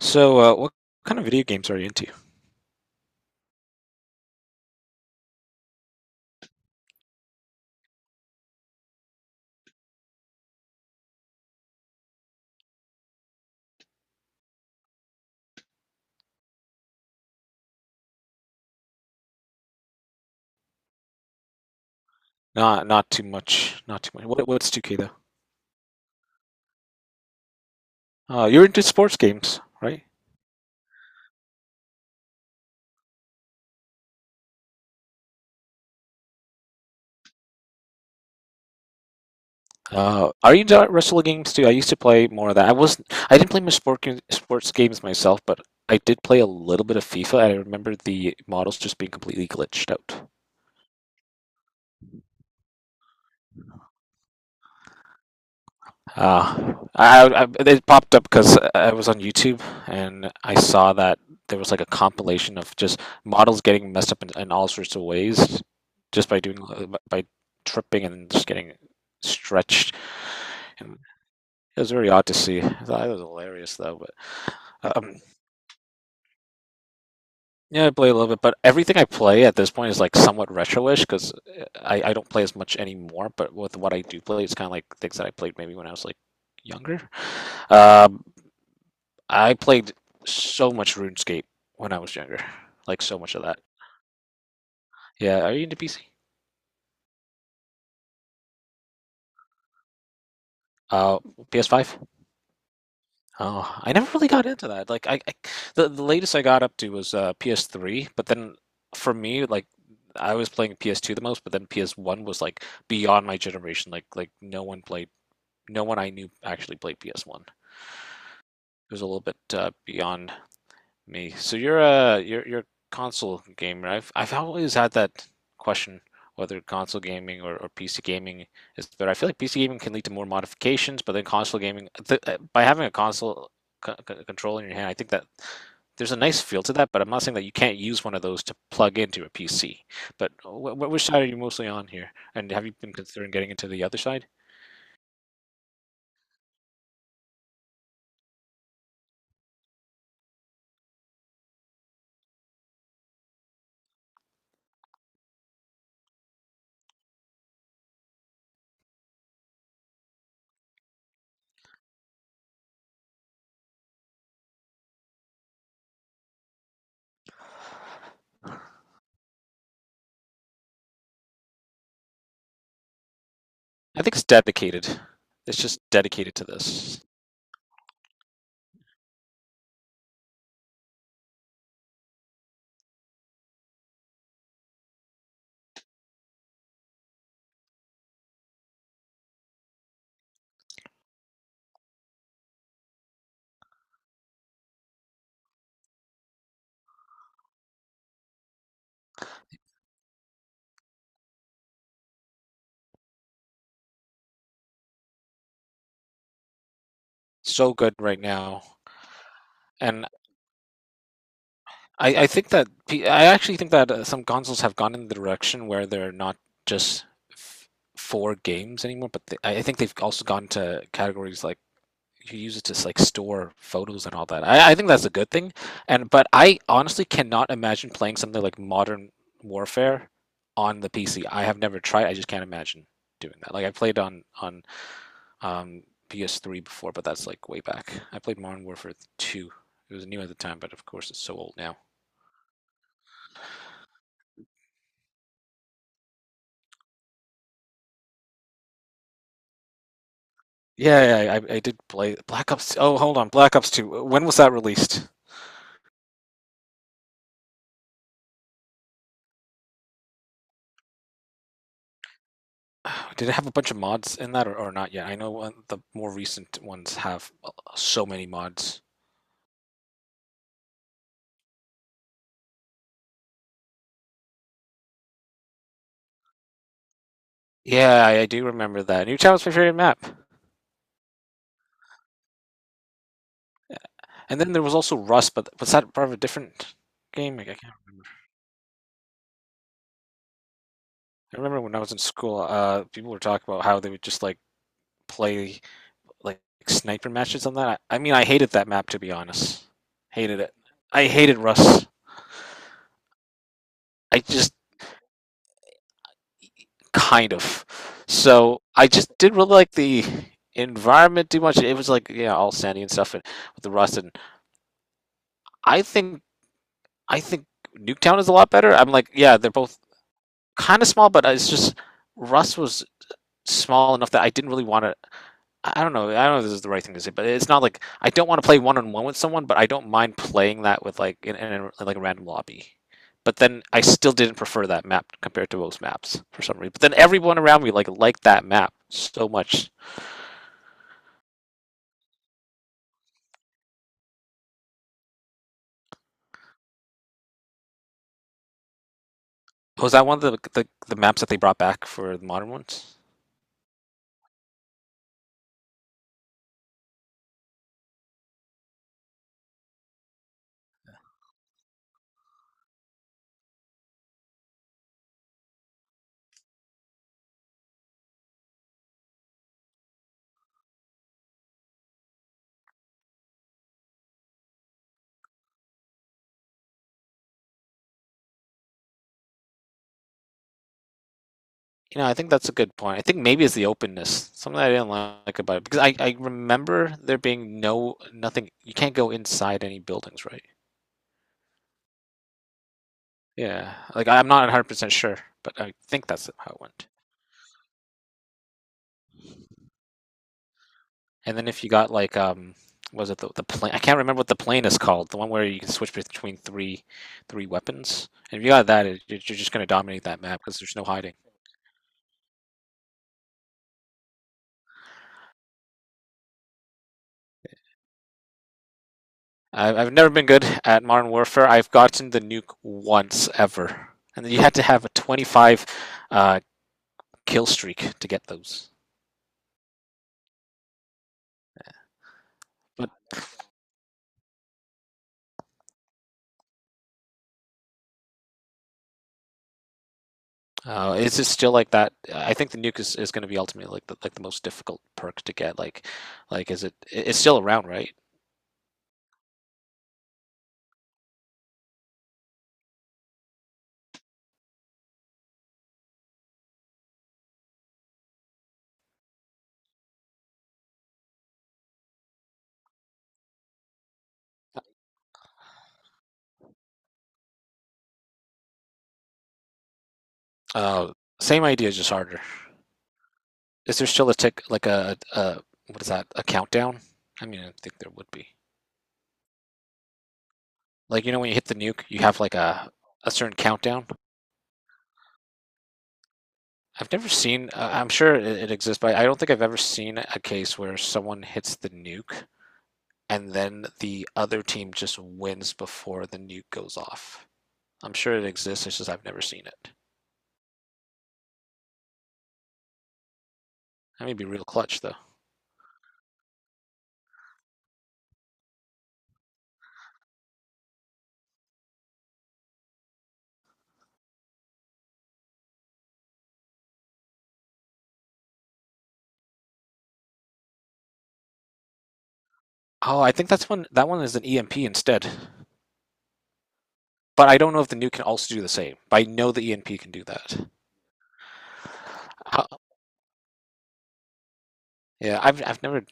So, what kind of video games are you into? Not too much. Not too much. What's 2K though? You're into sports games, right? Are you into wrestling games too? I used to play more of that. I wasn't. I didn't play much sports games myself, but I did play a little bit of FIFA. I remember the models just being completely glitched out. I it popped up because I was on YouTube, and I saw that there was like a compilation of just models getting messed up in all sorts of ways, just by tripping and just getting stretched. And it was very odd to see. I thought it was hilarious though, but. Um, Yeah, I play a little bit, but everything I play at this point is like somewhat retro-ish because I don't play as much anymore. But with what I do play, it's kind of like things that I played maybe when I was like younger. Um, I played so much RuneScape when I was younger, like so much of that. Yeah, are you into PC? Uh, PS5? Oh, I never really got into that. Like I the latest I got up to was PS3, but then for me, like I was playing PS2 the most, but then PS1 was like beyond my generation. Like no one I knew actually played PS1. It was a little bit beyond me. So you're a console gamer. I've always had that question, whether console gaming or PC gaming is better. I feel like PC gaming can lead to more modifications, but then console gaming th by having a console control in your hand, I think that there's a nice feel to that. But I'm not saying that you can't use one of those to plug into a PC. But wh wh which side are you mostly on here? And have you been considering getting into the other side? I think it's dedicated. It's just dedicated to this. So good right now. And I, I think that I actually think that some consoles have gone in the direction where they're not just f- for games anymore, but I think they've also gone to categories like you use it to like store photos and all that. I think that's a good thing. And but I honestly cannot imagine playing something like Modern Warfare on the PC. I have never tried. I just can't imagine doing that. Like I played on um, PS3 before, but that's like way back. I played Modern Warfare 2. It was new at the time, but of course it's so old now. Yeah, yeah, I did play Black Ops. Oh, hold on, Black Ops 2. When was that released? Did it have a bunch of mods in that, or not yet? I know one, the more recent ones have so many mods. Yeah, I do remember that. Newtown was my favorite map. And then there was also Rust, but was that part of a different game? Like, I can't remember. I remember when I was in school, people were talking about how they would just like play like sniper matches on that. I mean, I hated that map to be honest. Hated it. I hated Russ. I just kind of. So I just didn't really like the environment too much. It was like yeah, all sandy and stuff, and with the Rust. And I think I think Nuketown is a lot better. I'm like yeah, they're both kind of small, but it's just Rust was small enough that I didn't really want to. I don't know. I don't know if this is the right thing to say, but it's not like I don't want to play one on one with someone, but I don't mind playing that with like in, a, in like a random lobby. But then I still didn't prefer that map compared to most maps for some reason. But then everyone around me like liked that map so much. Was that one of the maps that they brought back for the modern ones? You know, I think that's a good point. I think maybe it's the openness, something I didn't like about it, because I remember there being no nothing. You can't go inside any buildings, right? Yeah, like I'm not 100% sure, but I think that's how it went. And then if you got like what was it, the plane? I can't remember what the plane is called. The one where you can switch between three weapons. And if you got that, you're just going to dominate that map because there's no hiding. I've never been good at Modern Warfare. I've gotten the nuke once ever, and then you had to have a 25 uh, kill streak to get those. But is it still like that? I think the nuke is going to be ultimately like the most difficult perk to get. Like is it? It's still around, right? Uh, same idea, just harder. Is there still a tick like a what is that? A countdown? I mean, I think there would be. Like when you hit the nuke, you have like a certain countdown. I've never seen. I'm sure it exists, but I don't think I've ever seen a case where someone hits the nuke and then the other team just wins before the nuke goes off. I'm sure it exists. It's just I've never seen it. That may be real clutch though. Oh, I think that's one. That one is an EMP instead. But I don't know if the nuke can also do the same. But I know the EMP can do that. How, yeah, I've never.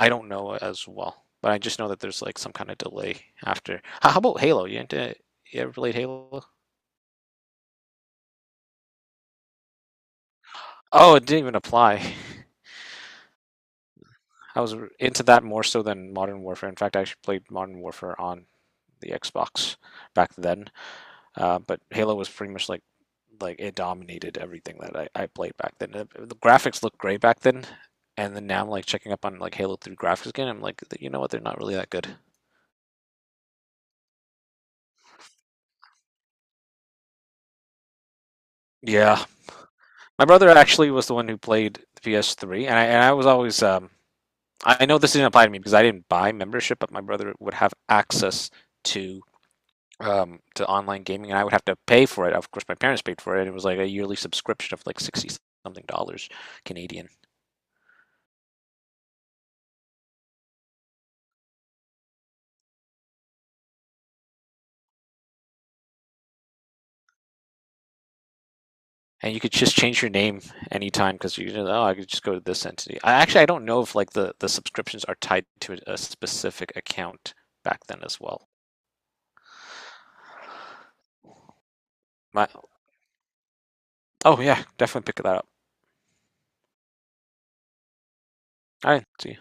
I don't know as well. But I just know that there's like some kind of delay after. How about Halo? You, didn't- You ever played Halo? Oh, it didn't even apply. I was into that more so than Modern Warfare. In fact, I actually played Modern Warfare on the Xbox back then. But Halo was pretty much like it dominated everything that I played back then. The graphics looked great back then, and then now I'm like checking up on like Halo 3 graphics again. I'm like, you know what? They're not really that good. Yeah, my brother actually was the one who played the PS3, and I was always I know this didn't apply to me because I didn't buy membership, but my brother would have access to to online gaming, and I would have to pay for it. Of course, my parents paid for it. It was like a yearly subscription of like sixty something dollars Canadian, and you could just change your name anytime because oh, I could just go to this entity. I don't know if like the subscriptions are tied to a specific account back then as well. My, oh yeah, definitely pick that up. All right, see you.